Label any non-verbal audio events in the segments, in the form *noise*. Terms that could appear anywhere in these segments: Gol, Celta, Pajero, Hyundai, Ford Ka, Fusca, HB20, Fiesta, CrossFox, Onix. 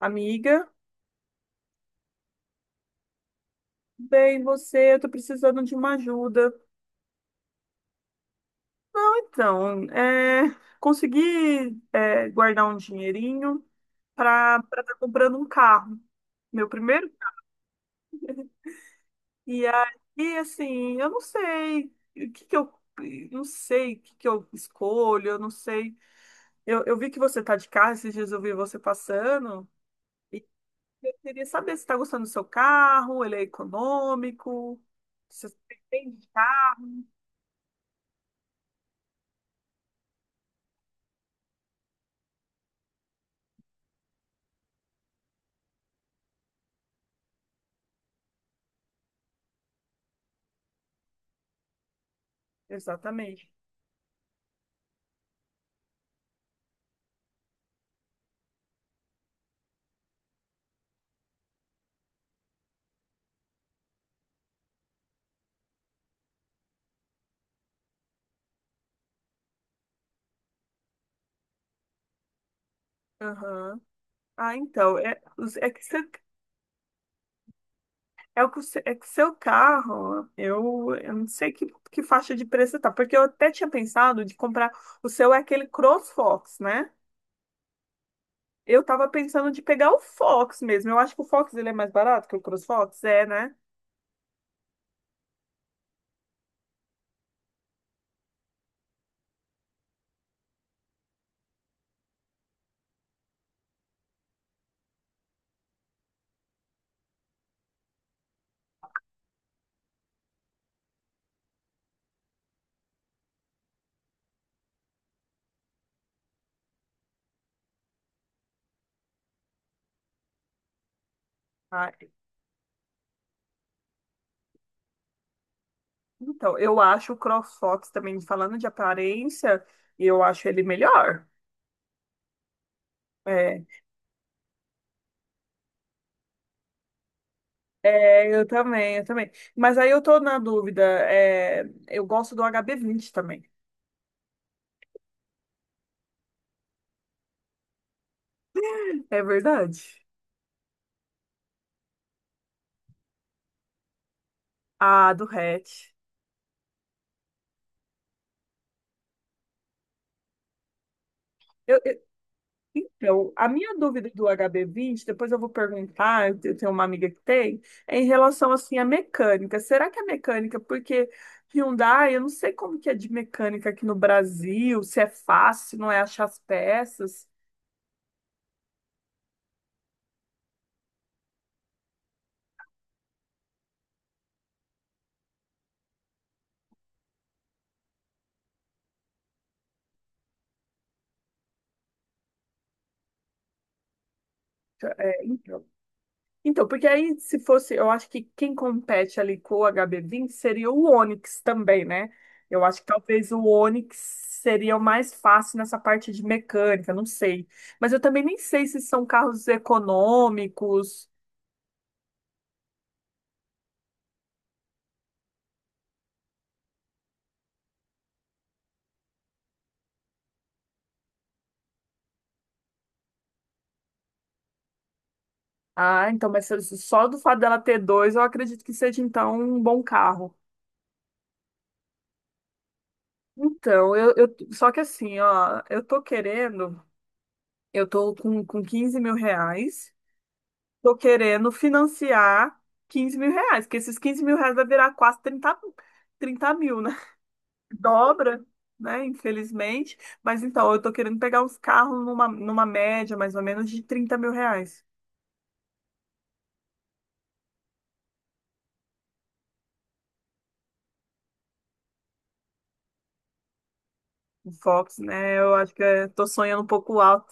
Amiga, bem, você, eu tô precisando de uma ajuda. Então, consegui guardar um dinheirinho para estar comprando um carro, meu primeiro. E aí, assim, eu não sei o que que eu não sei o que que eu escolho, eu não sei. Eu vi que você tá de carro, esses dias eu vi você passando. Eu queria saber se tá gostando do seu carro, ele é econômico, se você tem de carro. Exatamente. Aham. Ah, então, é, os- é que seu, é o que o seu- é que seu carro, eu não sei que faixa de preço tá, porque eu até tinha pensado de comprar. O seu é aquele CrossFox, né? Eu tava pensando de pegar o Fox mesmo, eu acho que o Fox ele é mais barato que o CrossFox, é, né? Ah, então, eu acho o CrossFox também, falando de aparência, eu acho ele melhor. É, é, eu também, eu também. Mas aí eu tô na dúvida, eu gosto do HB20 também, é verdade? Ah, do hatch. Eu, eu- então, a minha dúvida do HB20, depois eu vou perguntar, eu tenho uma amiga que tem, é em relação, assim, à mecânica. Será que a mecânica, porque Hyundai, eu não sei como que é de mecânica aqui no Brasil, se é fácil, não é achar as peças. É, então. Então, porque aí se fosse, eu acho que quem compete ali com o HB20 seria o Onix também, né? Eu acho que talvez o Onix seria o mais fácil nessa parte de mecânica, não sei. Mas eu também nem sei se são carros econômicos. Ah, então, mas só do fato dela ter dois, eu acredito que seja então um bom carro. Então, só que assim, ó, eu tô com 15 mil reais. Tô querendo financiar 15 mil reais, que esses 15 mil reais vai virar quase trinta mil, né? *laughs* Dobra, né? Infelizmente. Mas então, eu tô querendo pegar uns carros numa média, mais ou menos, de 30 mil reais. O Fox, né? Eu acho que tô sonhando um pouco alto.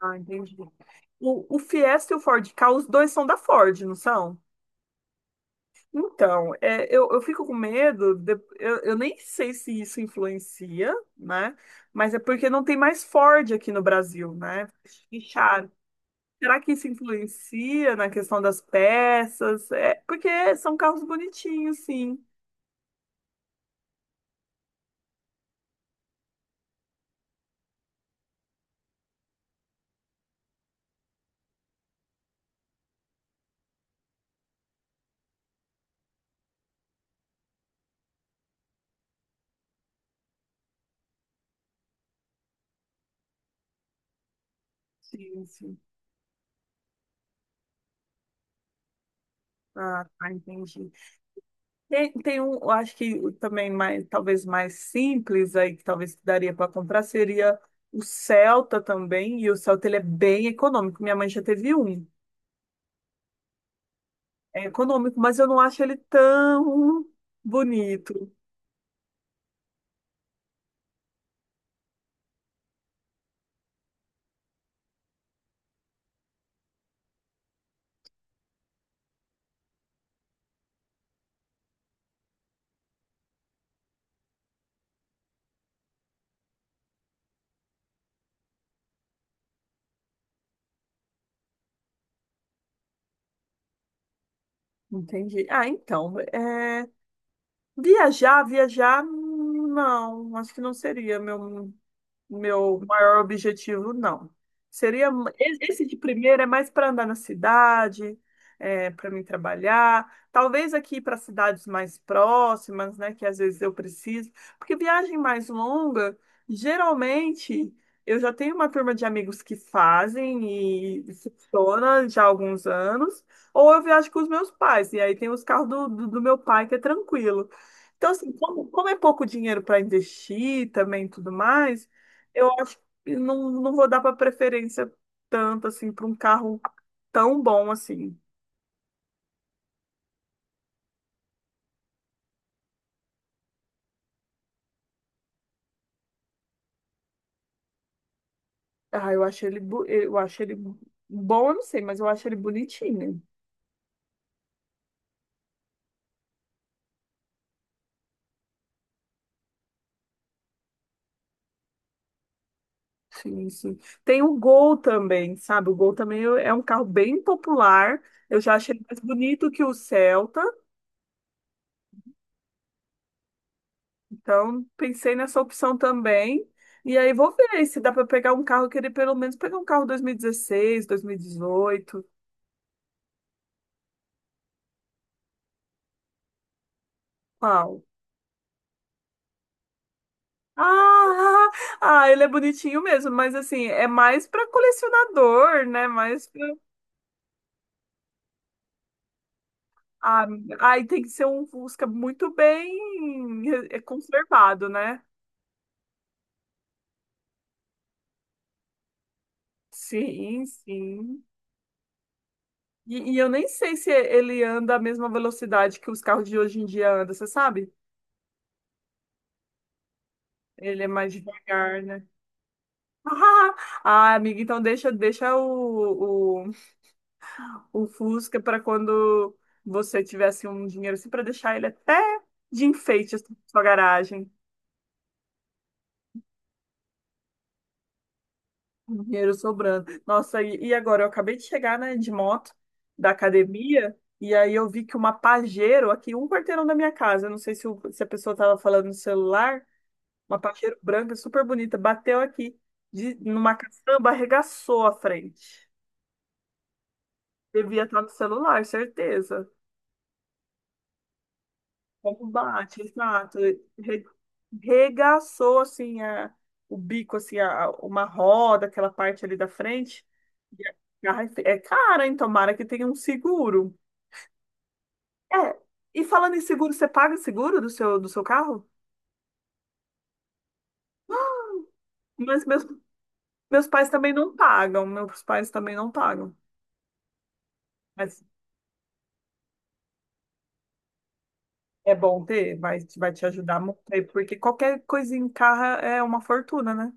Ah, entendi. O Fiesta e o Ford Ka, os dois são da Ford, não são? Então, eu fico com medo, eu nem sei se isso influencia, né? Mas é porque não tem mais Ford aqui no Brasil, né? Fecharam. Será que isso influencia na questão das peças? É, porque são carros bonitinhos, sim. Sim, sim. Ah, tá, entendi. Tem um, eu acho que o também mais, talvez mais simples aí, que talvez daria para comprar, seria o Celta também, e o Celta ele é bem econômico. Minha mãe já teve um. É econômico, mas eu não acho ele tão bonito. Entendi. Ah, então, viajar, viajar, não, acho que não seria meu maior objetivo, não. Seria esse de primeiro é mais para andar na cidade, para mim trabalhar, talvez aqui para cidades mais próximas, né, que às vezes eu preciso, porque viagem mais longa, geralmente eu já tenho uma turma de amigos que fazem e funciona já há alguns anos, ou eu viajo com os meus pais, e aí tem os carros do meu pai que é tranquilo. Então, assim, como é pouco dinheiro para investir também e tudo mais, eu acho que não, não vou dar pra preferência tanto assim pra um carro tão bom assim. Ah, eu acho ele bom, eu não sei, mas eu acho ele bonitinho. Sim, sim. Tem o Gol também, sabe? O Gol também é um carro bem popular. Eu já achei ele mais bonito que o Celta, então pensei nessa opção também. E aí vou ver se dá pra pegar um carro, querer pelo menos pegar um carro dois mil e dezesseis, 2018. Qual? Ah, ah, ele é bonitinho mesmo, mas assim, é mais pra colecionador, né? Mais pra... Ah, aí tem que ser um Fusca muito bem conservado, né? Sim, sim. E eu nem sei se ele anda à mesma velocidade que os carros de hoje em dia andam, você sabe? Ele é mais devagar, né? *laughs* Ah, amiga, então deixa o Fusca para quando você tivesse um dinheiro assim para deixar ele até de enfeite assim, na sua garagem, um dinheiro sobrando. Nossa, e agora eu acabei de chegar, né, de moto da academia e aí eu vi que uma Pajero aqui um quarteirão da minha casa, eu não sei se, se a pessoa estava falando no celular, uma Pajero branca super bonita bateu aqui numa caçamba, arregaçou a frente. Devia estar no celular, certeza. Como bate, exato. Re- Regaçou, assim, o bico, assim, uma roda, aquela parte ali da frente. E a garra é cara, hein? Tomara que tenha um seguro. É, e falando em seguro, você paga seguro do seu carro? Mas meus pais também não pagam, meus pais também não pagam. Mas é bom ter, vai te ajudar muito, aí, porque qualquer coisinha em carro é uma fortuna, né?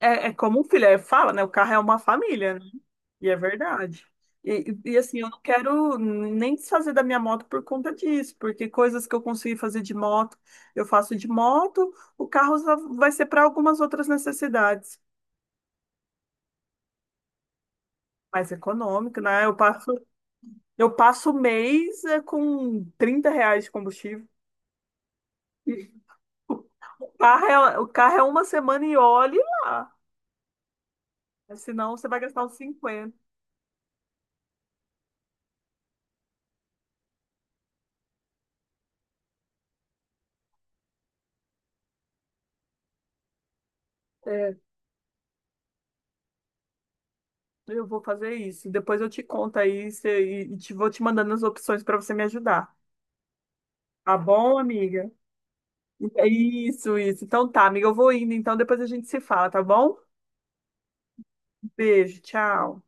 É, é como o filho é, fala, né? O carro é uma família, né? E é verdade. E, assim, eu não quero nem desfazer da minha moto por conta disso, porque coisas que eu consegui fazer de moto, eu faço de moto, o carro só vai ser para algumas outras necessidades mais econômico, né? Eu passo o mês com 30 reais de combustível. *laughs* E O o carro é uma semana e olhe lá. Senão você vai gastar uns cinquenta. Eu vou fazer isso. Depois eu te conto aí, e vou te mandando as opções para você me ajudar. Tá bom, amiga? É isso, isso. Então tá, amiga, eu vou indo. Então depois a gente se fala, tá bom? Beijo, tchau.